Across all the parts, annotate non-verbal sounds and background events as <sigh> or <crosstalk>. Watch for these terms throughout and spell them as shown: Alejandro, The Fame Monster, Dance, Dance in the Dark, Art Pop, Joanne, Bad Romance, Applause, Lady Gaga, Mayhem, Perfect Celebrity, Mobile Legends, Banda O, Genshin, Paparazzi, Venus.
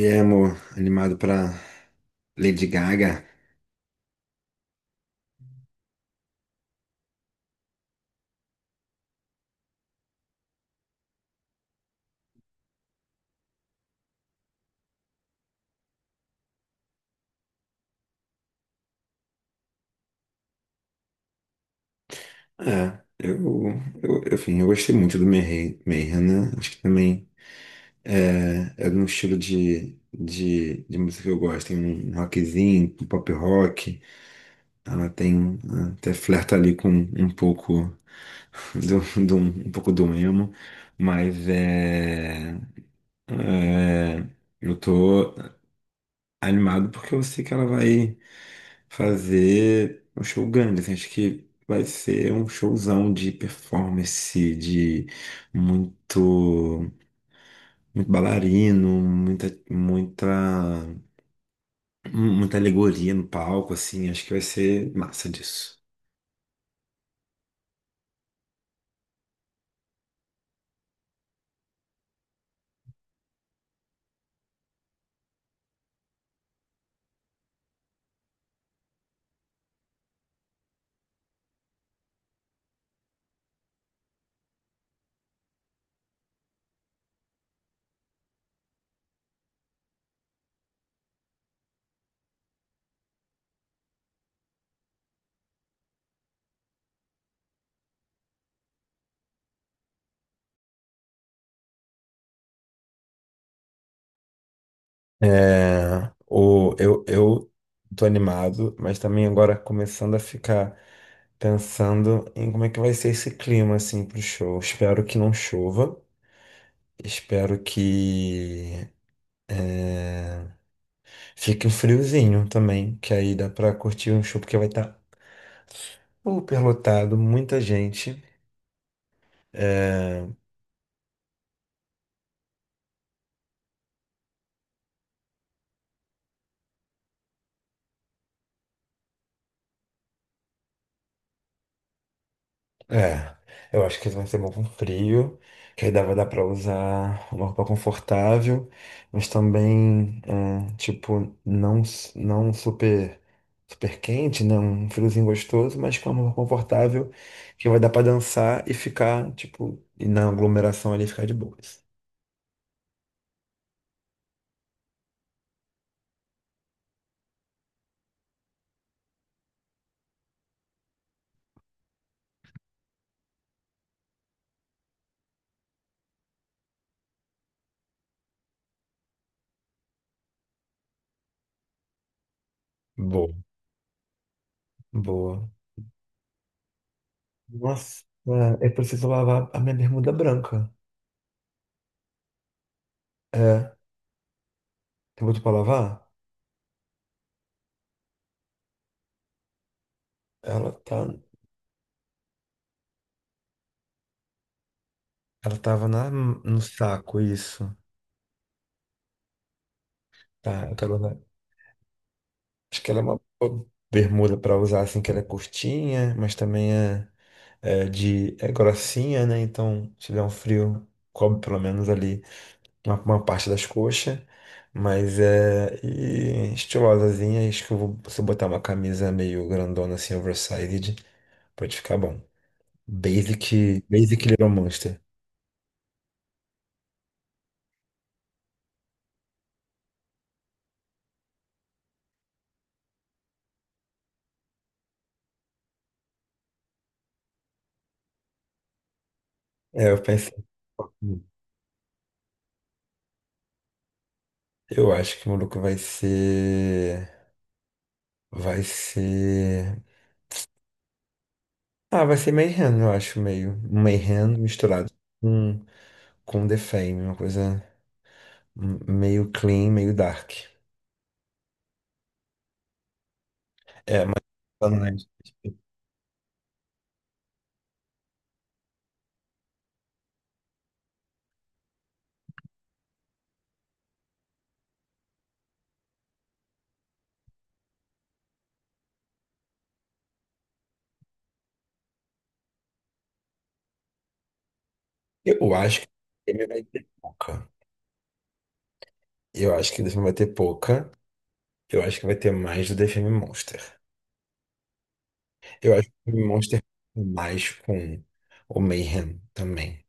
E é, amor, animado pra Lady Gaga. É, eu, eu gostei muito do Mayhem, né? Acho que também é um estilo de música que eu gosto. Tem um rockzinho, um pop rock. Ela tem até flerta ali com um um pouco do emo. Mas é, eu tô animado porque eu sei que ela vai fazer um show grande assim. Acho que vai ser um showzão de performance, de muito, muito bailarino, muita alegoria no palco, assim. Acho que vai ser massa disso. Eu tô animado, mas também agora começando a ficar pensando em como é que vai ser esse clima, assim, pro show. Espero que não chova. Espero que eh, fique um friozinho também, que aí dá pra curtir um show, porque vai estar super lotado, muita gente. É, é, eu acho que vai ser bom com frio, que vai dar pra usar uma roupa confortável, mas também, é, tipo, não, não super, super quente, né? Um friozinho gostoso, mas com uma roupa confortável, que vai dar pra dançar e ficar, tipo, e na aglomeração ali ficar de boas. Boa. Boa. Nossa, é, eu preciso lavar a minha bermuda branca. É, tem botou pra lavar? Ela tá, então ela tava no saco, isso. Tá, eu quero lavar. Acho que ela é uma boa bermuda pra usar, assim, que ela é curtinha, mas também é grossinha, né? Então, se der um frio, cobre pelo menos ali uma parte das coxas. Mas é e estilosazinha, acho que eu vou, se eu botar uma camisa meio grandona assim, oversized, pode ficar bom. Basic, Basic Little Monster. É, eu pensei. Eu acho que o maluco vai ser. Vai ser. Ah, vai ser Mayhem, eu acho, meio. Um Mayhem misturado com, com The Fame, uma coisa meio clean, meio dark. Tá no Netflix. Eu acho que The Fame vai ter pouca. Eu acho que The Fame vai ter pouca. Eu acho que vai ter mais do The Fame Monster. Eu acho que o Monster mais com o Mayhem também.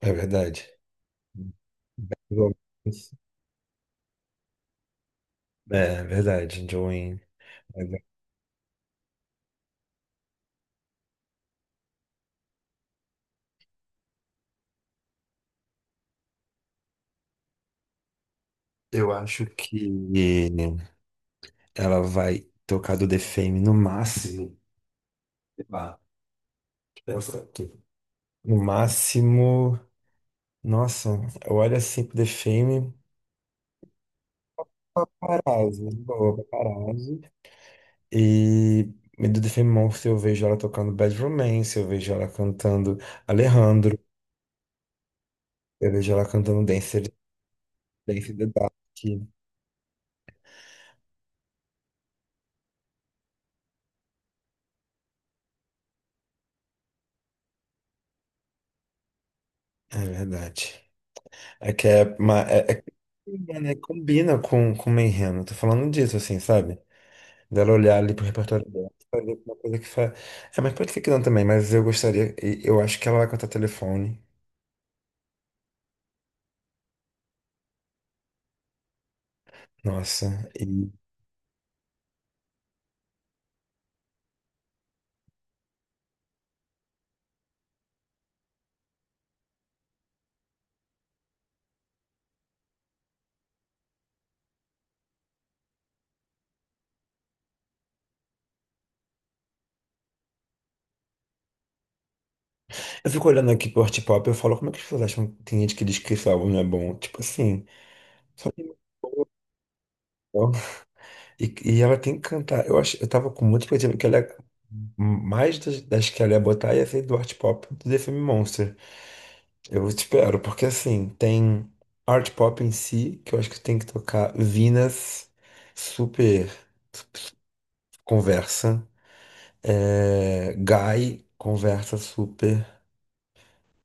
É verdade. É, verdade, Joanne. Eu acho que ela vai tocar do The Fame no máximo. Sei lá, deixa eu pensar aqui. No máximo. Nossa, eu olho assim pro The Fame. Paparazzi, né? Boa, paparazzi. E do The Fame Monster eu vejo ela tocando Bad Romance, eu vejo ela cantando Alejandro, eu vejo ela cantando Dance in the Dark. É verdade. É que é combina, né? Combina com o Menreno. Tô falando disso, assim, sabe? Dela olhar ali pro repertório dela, fazer uma coisa que faz. É, mas pode ser que não também, mas eu gostaria. E eu acho que ela vai cantar telefone. Nossa. E eu fico olhando aqui pro Art Pop e eu falo, como é que as pessoas acham que tem gente que diz que esse álbum não é bom? Tipo assim, só tem música boa, então. E ela tem que cantar. Eu acho, eu tava com muita expectativa que ela mais das que ela ia botar ia ser do Art Pop do The Fame Monster. Eu espero, porque assim, tem art pop em si, que eu acho que tem que tocar Venus, super conversa. É, Guy, conversa super.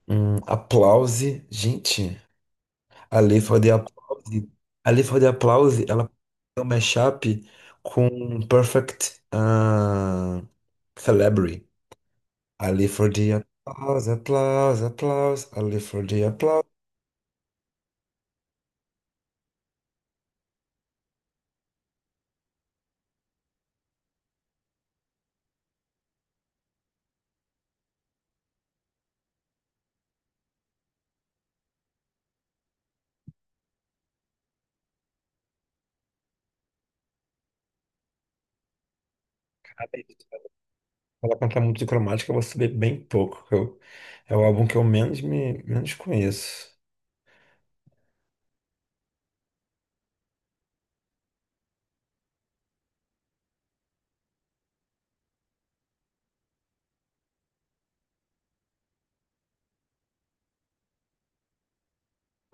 Applause, gente, a Lei for the Applause, a Lei for the Applause, ela tem um mashup com Perfect Celebrity. A Lei for the Applause, a Lei for the Applause. Ela cantar muito de cromática, eu vou saber bem pouco. Que Eu, é o álbum que eu menos conheço.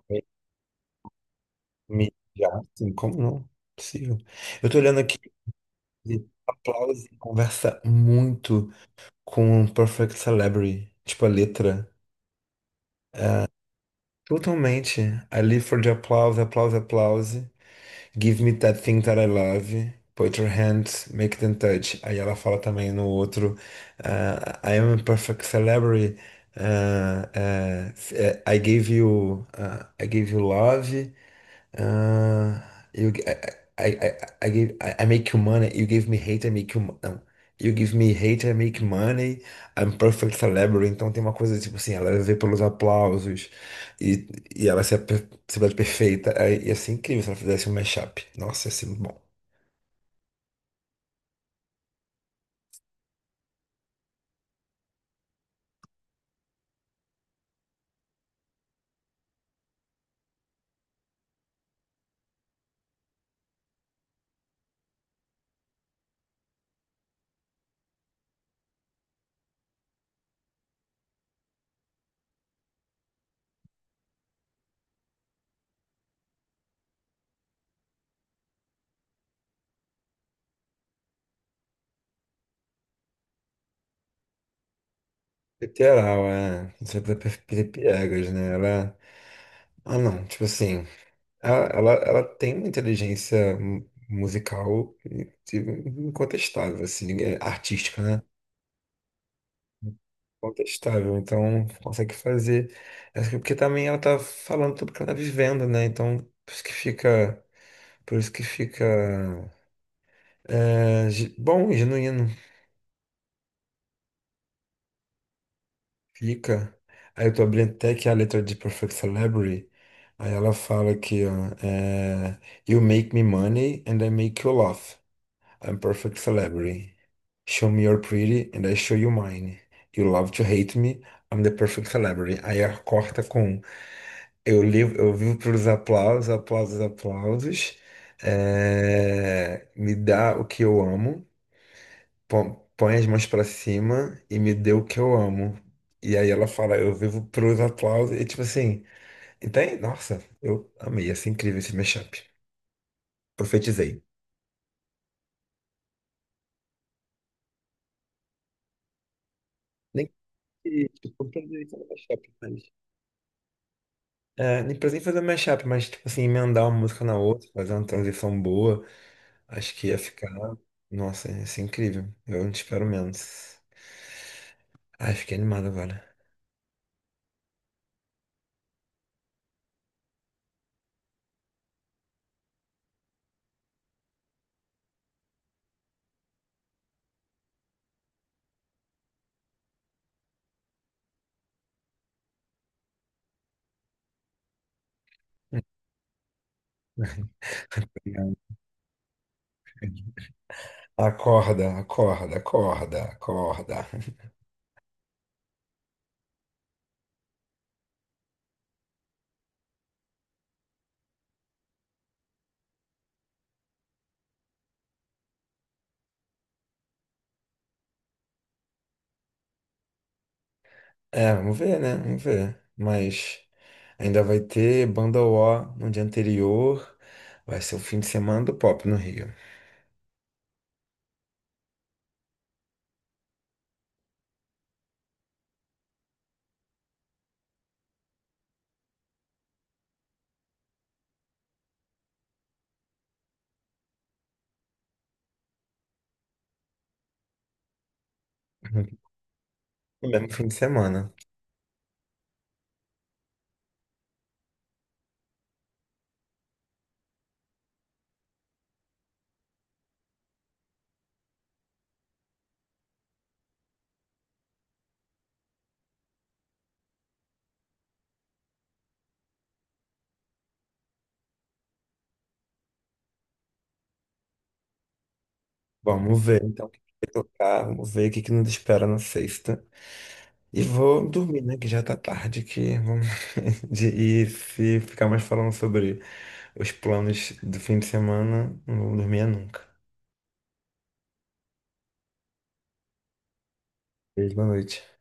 Me, Já, assim, como não? Possível. Eu tô olhando aqui, e aplauso conversa muito com Perfect Celebrity. Tipo, a letra. Totalmente. I live for the applause, applause, applause. Give me that thing that I love. Put your hands, make them touch. Aí ela fala também no outro, ah, I am a perfect celebrity. I gave you, I gave you love. Uh, you, g- I, I, I, I give, I make you money. You give me hate, I make you. Mo- Não. You give me hate, I make money. I'm perfect celebrity. Então tem uma coisa tipo assim, ela é vê pelos aplausos e, e ela se vê perfeita. Aí ia ser incrível se ela fizesse um mashup. Nossa, ia ser muito bom. Literal, é. Não sei pra piegas, né? Ela. Ah, não. Tipo assim, ela tem uma inteligência musical incontestável, assim, ninguém- artística, né? Contestável, então consegue fazer. Acho que porque também ela tá falando tudo que ela tá vivendo, né? Então, por isso que fica, por isso que fica bom, e genuíno, fica. Aí eu tô abrindo até aqui a letra de Perfect Celebrity. Aí ela fala aqui, ó, é, you make me money and I make you laugh. I'm perfect celebrity. Show me your pretty and I show you mine. You love to hate me, I'm the perfect celebrity. Aí ela corta com eu, li, eu vivo para os aplausos, aplausos, aplausos. É, me dá o que eu amo, põe as mãos para cima e me dê o que eu amo. E aí ela fala, eu vivo para os aplausos. E tipo assim, então, nossa, eu amei, assim, incrível esse mashup. Profetizei. Nem que, tipo, produzir isso no mashup, mas... É, nem precisei fazer mashup, mas, tipo assim, emendar uma música na outra, fazer uma transição boa, acho que ia ficar... Nossa, ia ser incrível. Eu não espero menos. Ai, fiquei animado agora. <laughs> Obrigado. Acorda, acorda, acorda, acorda. É, vamos ver, né? Vamos ver. Mas ainda vai ter Banda O no dia anterior. Vai ser o fim de semana do pop no Rio. <laughs> O mesmo fim de semana. Vamos ver, então, o que que vai tocar. Vamos ver o que que nos espera na sexta. E vou dormir, né? Que já tá tarde aqui. Vamos... <laughs> de- E se ficar mais falando sobre os planos do fim de semana, não vou dormir nunca. Beijo, boa noite.